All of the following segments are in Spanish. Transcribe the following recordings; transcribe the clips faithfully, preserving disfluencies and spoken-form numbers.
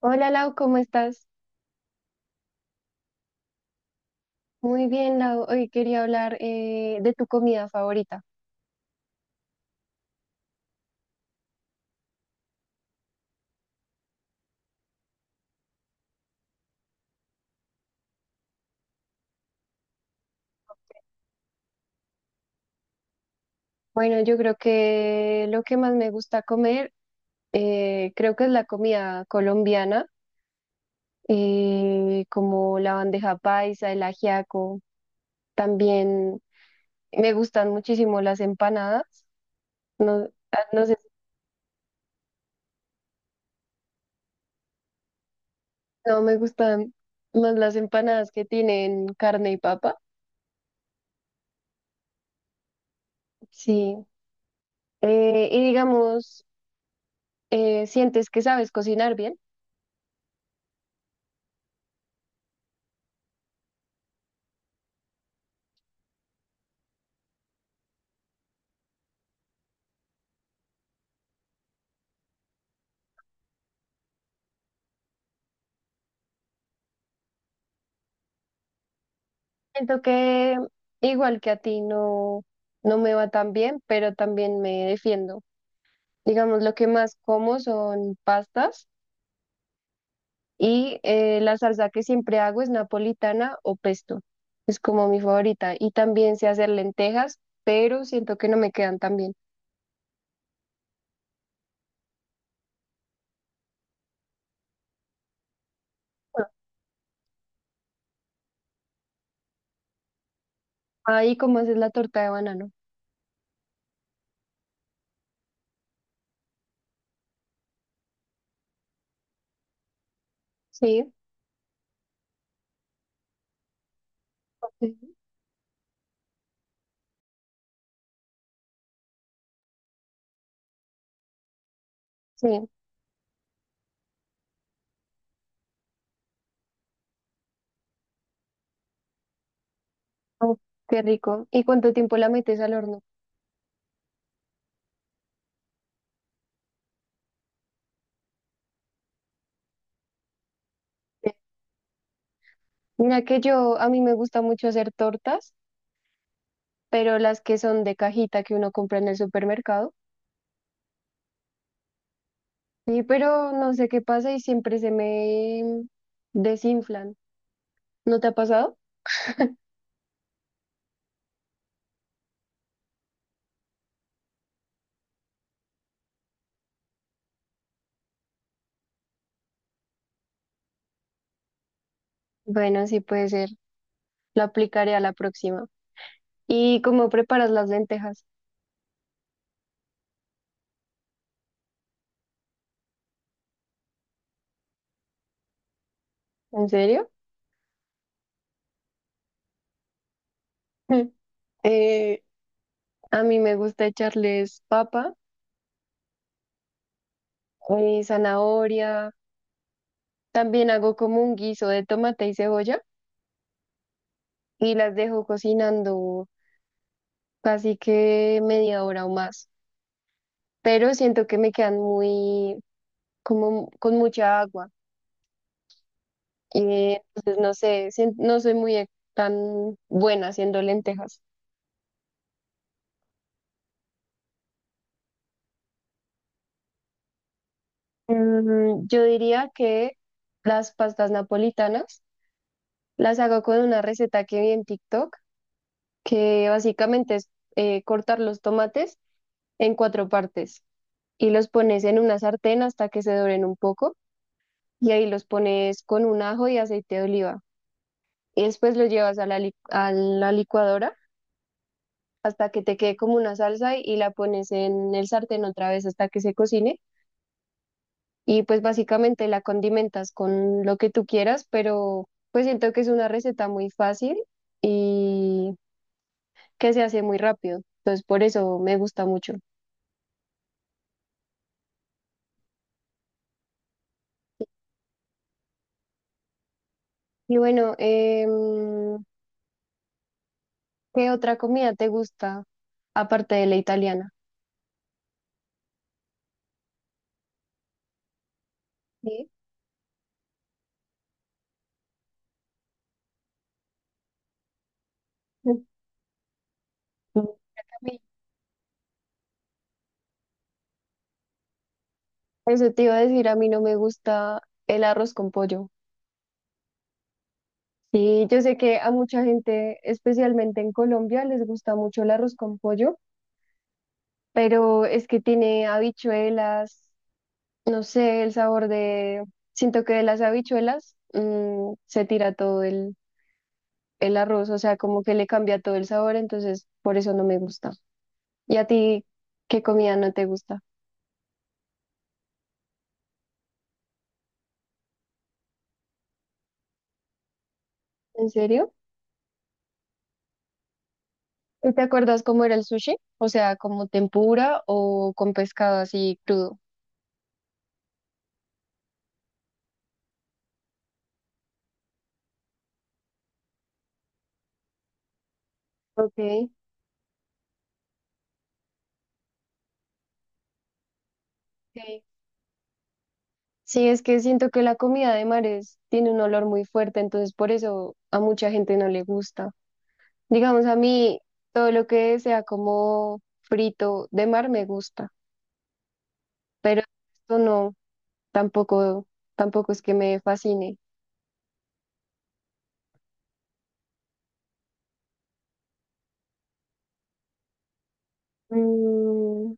Hola Lau, ¿cómo estás? Muy bien, Lau. Hoy quería hablar eh, de tu comida favorita. Bueno, yo creo que lo que más me gusta comer, eh, creo que es la comida colombiana, eh, como la bandeja paisa, el ajiaco. También me gustan muchísimo las empanadas. No, ah, no sé, no me gustan más las empanadas que tienen carne y papa. Sí. Eh, y digamos, eh, ¿sientes que sabes cocinar bien? Siento que igual que a ti no, no me va tan bien, pero también me defiendo. Digamos, lo que más como son pastas y eh, la salsa que siempre hago es napolitana o pesto. Es como mi favorita. Y también sé hacer lentejas, pero siento que no me quedan tan bien. Bueno, ahí como haces la torta de banano. Sí, sí. sí. Oh, qué rico. ¿Y cuánto tiempo la metes al horno? Mira que yo, a mí me gusta mucho hacer tortas, pero las que son de cajita que uno compra en el supermercado. Sí, pero no sé qué pasa y siempre se me desinflan. ¿No te ha pasado? Bueno, sí puede ser. Lo aplicaré a la próxima. ¿Y cómo preparas las lentejas? ¿En serio? Eh, a mí me gusta echarles papa y zanahoria. También hago como un guiso de tomate y cebolla y las dejo cocinando casi que media hora o más. Pero siento que me quedan muy como con mucha agua. Y entonces no sé, sien- no soy muy e- tan buena haciendo lentejas. Mm, yo diría que las pastas napolitanas las hago con una receta que vi en TikTok, que básicamente es eh, cortar los tomates en cuatro partes y los pones en una sartén hasta que se doren un poco y ahí los pones con un ajo y aceite de oliva. Y después los llevas a la, li- a la licuadora hasta que te quede como una salsa y la pones en el sartén otra vez hasta que se cocine. Y pues básicamente la condimentas con lo que tú quieras, pero pues siento que es una receta muy fácil y que se hace muy rápido. Entonces por eso me gusta mucho. Y bueno, em, ¿qué otra comida te gusta aparte de la italiana? Sí. Mm. A mí, eso te iba a decir, a mí no me gusta el arroz con pollo. Sí, yo sé que a mucha gente, especialmente en Colombia, les gusta mucho el arroz con pollo, pero es que tiene habichuelas, no sé, el sabor de, siento que de las habichuelas mm, se tira todo el, el arroz, o sea, como que le cambia todo el sabor, entonces por eso no me gusta. ¿Y a ti qué comida no te gusta? ¿En serio? ¿Y ¿te acuerdas cómo era el sushi? O sea, como tempura o con pescado así crudo. Ok. Ok. Sí, es que siento que la comida de mares tiene un olor muy fuerte, entonces por eso a mucha gente no le gusta. Digamos, a mí todo lo que sea como frito de mar me gusta, pero esto no, tampoco, tampoco es que me fascine. Mm,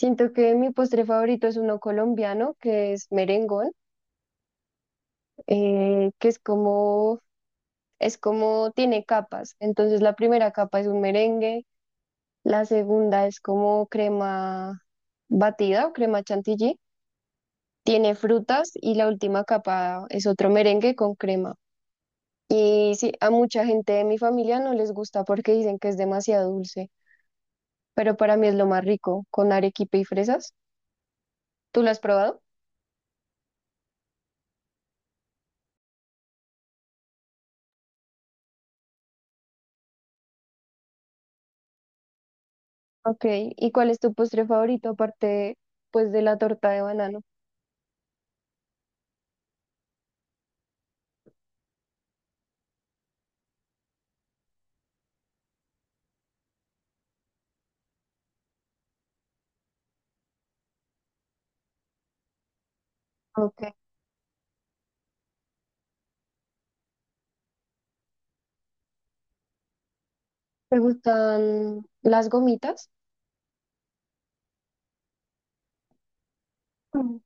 siento que mi postre favorito es uno colombiano, que es merengón, eh, que es como, es como tiene capas. Entonces la primera capa es un merengue. La segunda es como crema batida o crema chantilly. Tiene frutas y la última capa es otro merengue con crema. Y sí, a mucha gente de mi familia no les gusta porque dicen que es demasiado dulce, pero para mí es lo más rico, con arequipe y fresas. ¿Tú lo has probado? Ok, ¿y cuál es tu postre favorito aparte pues de la torta de banano? Ok. ¿Te gustan las gomitas? Mm.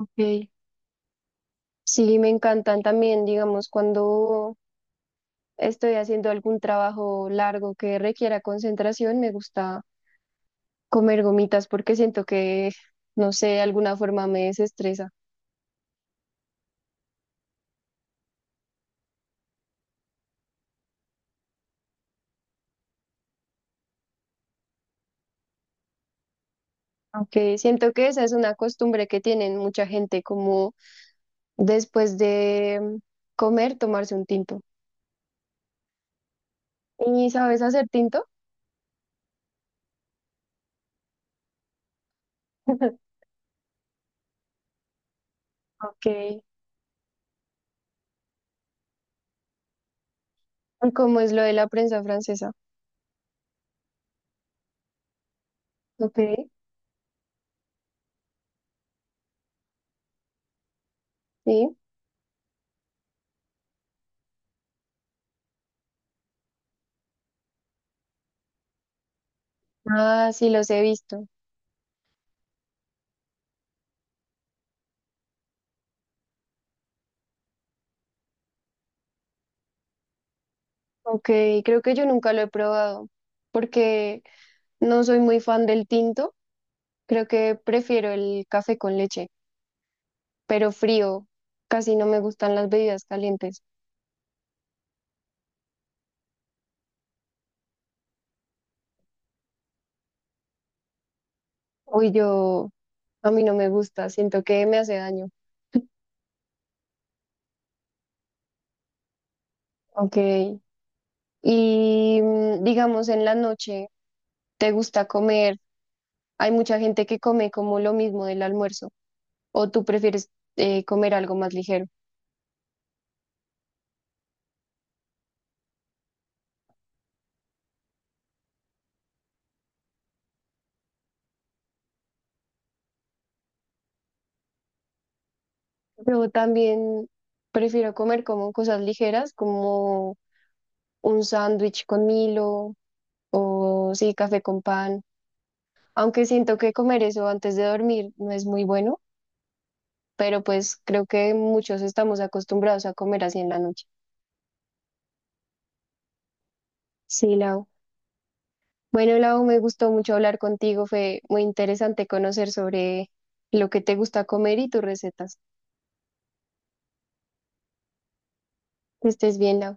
Ok. Sí, me encantan también, digamos, cuando estoy haciendo algún trabajo largo que requiera concentración, me gusta comer gomitas porque siento que, no sé, de alguna forma me desestresa. Aunque siento que esa es una costumbre que tienen mucha gente, como después de mm, comer, tomarse un tinto. ¿Y sabes hacer tinto? Ok. ¿Cómo es lo de la prensa francesa? Ok. Sí. Ah, sí, los he visto. Ok, creo que yo nunca lo he probado porque no soy muy fan del tinto. Creo que prefiero el café con leche, pero frío. Casi no me gustan las bebidas calientes. Uy, yo, a mí no me gusta, siento que me hace daño. Ok. Y mm, digamos en la noche, ¿te gusta comer? Hay mucha gente que come como lo mismo del almuerzo, o tú prefieres eh, comer algo más ligero. Yo también prefiero comer como cosas ligeras, como un sándwich con Milo, o sí, café con pan, aunque siento que comer eso antes de dormir no es muy bueno, pero pues creo que muchos estamos acostumbrados a comer así en la noche. Sí, Lau. Bueno, Lau, me gustó mucho hablar contigo, fue muy interesante conocer sobre lo que te gusta comer y tus recetas. Que estés bien, Lau.